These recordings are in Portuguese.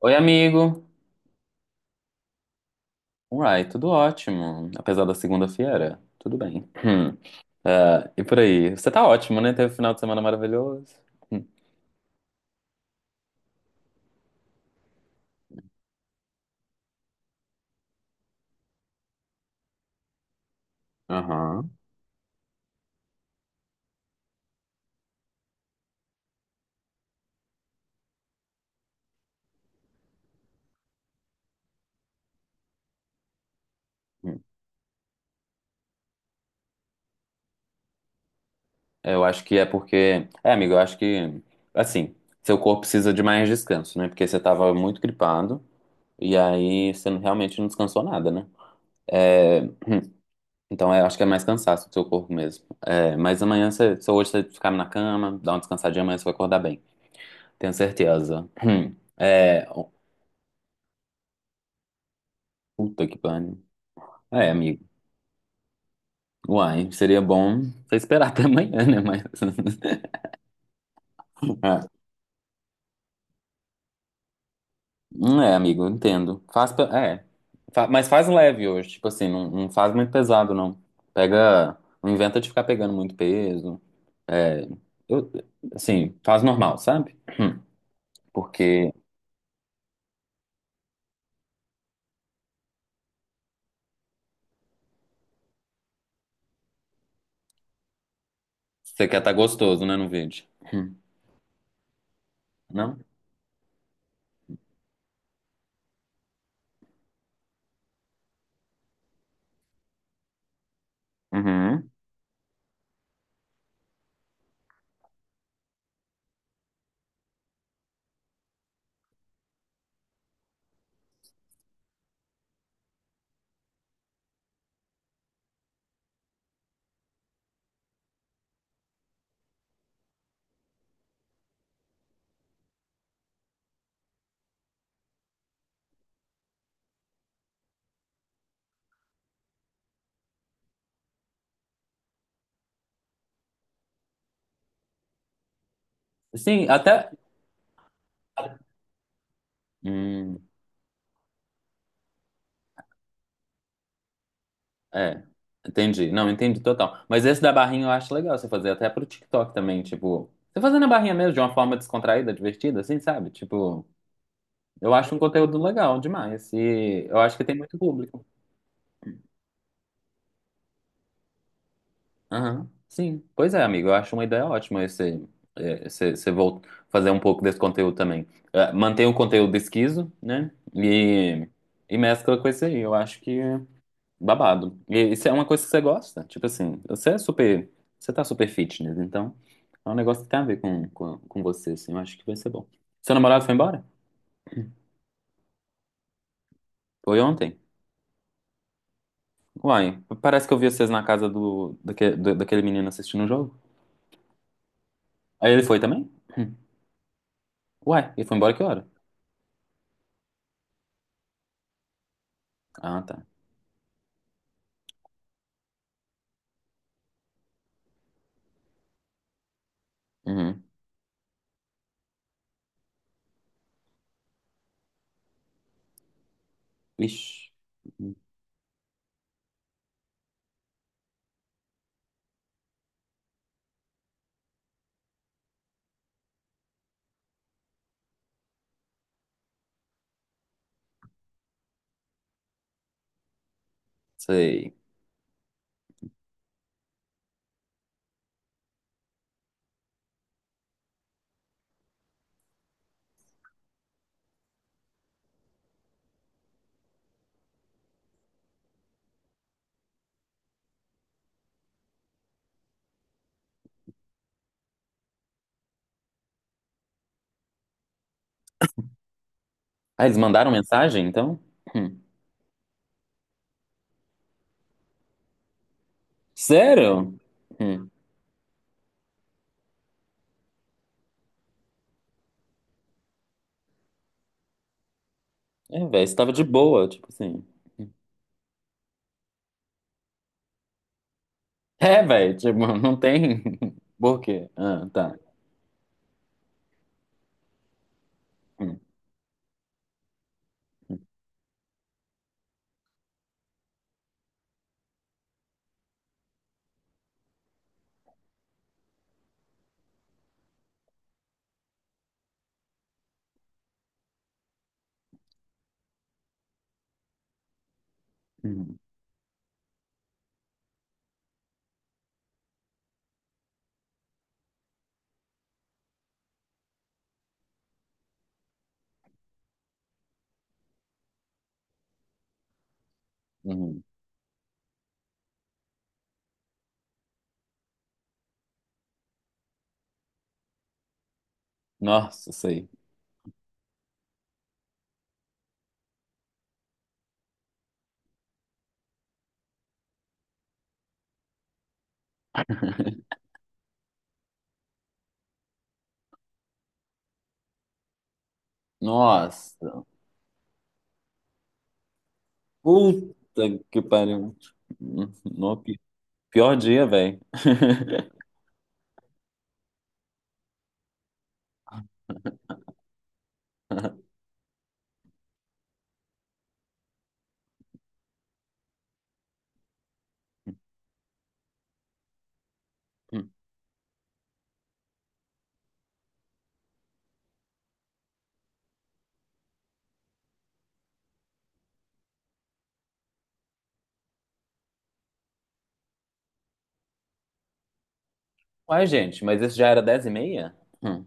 Oi, amigo. Uai, tudo ótimo. Apesar da segunda-feira, tudo bem. Hum. Ah, e por aí? Você tá ótimo, né? Teve um final de semana maravilhoso. Hum. Aham. Hum. É, Eu acho que é porque. É, amigo, eu acho que. Assim, seu corpo precisa de mais descanso, né? Porque você tava muito gripado e aí você realmente não descansou nada, né? É, Então, eu acho que é mais cansaço do seu corpo mesmo. Mas amanhã, se hoje você ficar na cama, dar uma descansadinha, amanhã você vai acordar bem. Tenho certeza. Hum. É, puta que pariu. É, amigo. Uai, seria bom você esperar até amanhã, né? Mas. Ah, amigo, entendo. Faz. Pe- É. Fa- Mas faz leve hoje. Tipo assim, não faz muito pesado, não. Pega. Não inventa de ficar pegando muito peso. É. Eu, assim, faz normal, sabe? Porque você quer estar gostoso, né, no vídeo. Hum, Não? Uhum. Sim, até. Hum. É, entendi. Não, entendi total. Mas esse da barrinha eu acho legal você fazer até pro TikTok também, tipo, você fazendo a barrinha mesmo de uma forma descontraída, divertida, assim, sabe? Tipo, eu acho um conteúdo legal demais e eu acho que tem muito público. Aham. Sim. Pois é, amigo, eu acho uma ideia ótima você volta fazer um pouco desse conteúdo também. Mantém o conteúdo esquiso, né? E mescla com esse aí. Eu acho que babado. E isso é uma coisa que você gosta. Tipo assim, você é super. Você tá super fitness, então é um negócio que tem a ver com você, assim. Eu acho que vai ser bom. Seu namorado foi embora? Foi ontem? Uai, parece que eu vi vocês na casa do daquele menino assistindo o jogo. Aí ele foi também? Hum. Uai, ele foi embora que hora? Ah, tá. Uhum. Ixi. Hum, Sei. Ah, eles mandaram mensagem, então? Hum. Sério? Hum. É, velho, você tava de boa, tipo assim. É, velho, tipo, não tem por quê? Ah, tá. Hum, hum, hum. Nossa, sei. Nossa, puta que pariu. No pi- pior dia, velho. Uai, gente, mas isso já era dez e meia? Hum.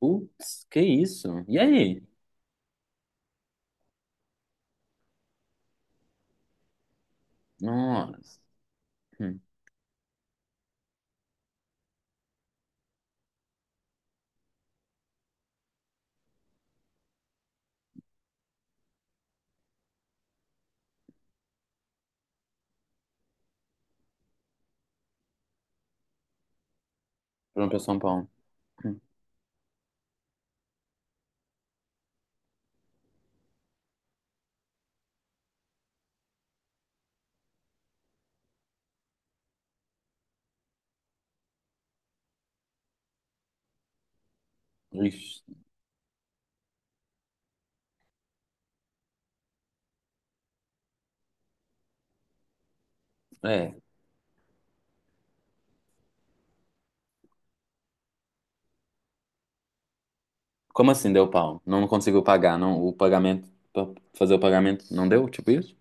Putz, que isso? E aí? Nossa. Hum. Pronto, eu São Paulo. Hum. Ixi. É. Como assim deu pau? Não conseguiu pagar, não? O pagamento, pra fazer o pagamento não deu? Tipo isso?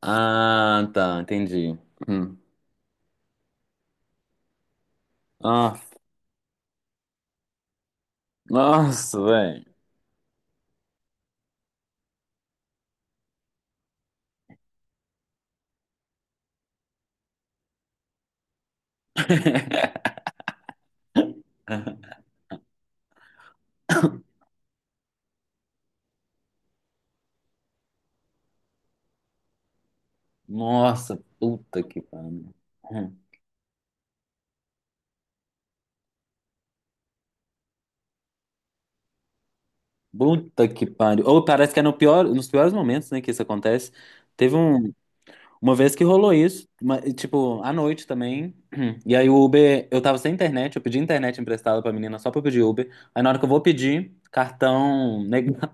Ah, tá, entendi. Hum. Ah, nossa, velho. Nossa, puta que pariu. Hum. Puta que pariu. Ou parece que é no pior, nos piores momentos, né, que isso acontece. Teve um, uma vez que rolou isso, e, tipo, à noite também. E aí o Uber, eu tava sem internet, eu pedi internet emprestada pra menina só pra eu pedir Uber. Aí na hora que eu vou pedir, cartão negado.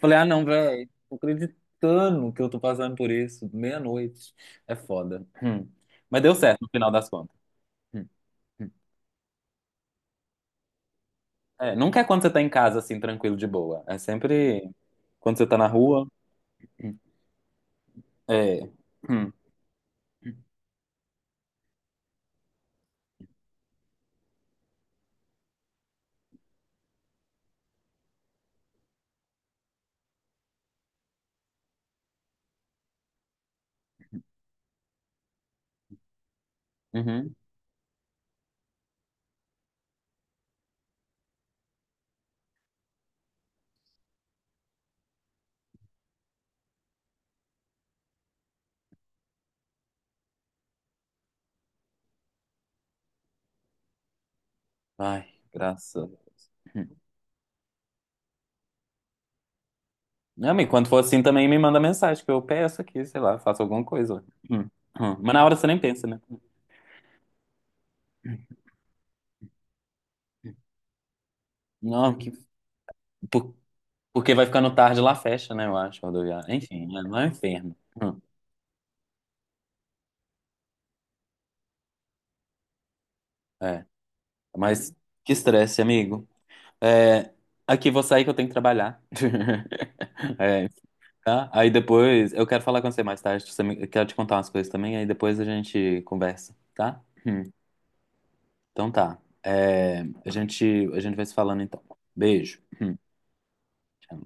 Falei, ah, não, velho, tô acreditando que eu tô passando por isso, meia-noite. É foda. Hum. Mas deu certo no final das contas. Hum, hum. É, nunca é quando você tá em casa, assim, tranquilo, de boa. É sempre quando você tá na rua. Hum. É. Hum. Uhum. Ai, graça. Hum. Não, mas quando for assim também me manda mensagem, que eu peço aqui, sei lá, faço alguma coisa. Hum. Hum. Mas na hora você nem pensa, né? Não, que... por- porque vai ficando tarde lá fecha, né? Eu acho, rodoviária. Enfim, é, lá é um inferno. Hum. É. Mas que estresse, amigo. É, aqui vou sair que eu tenho que trabalhar. É, tá? Aí depois eu quero falar com você mais tarde. Eu quero te contar umas coisas também. Aí depois a gente conversa, tá? Hum. Então tá. A gente vai se falando então. Beijo. Hum. Tchau.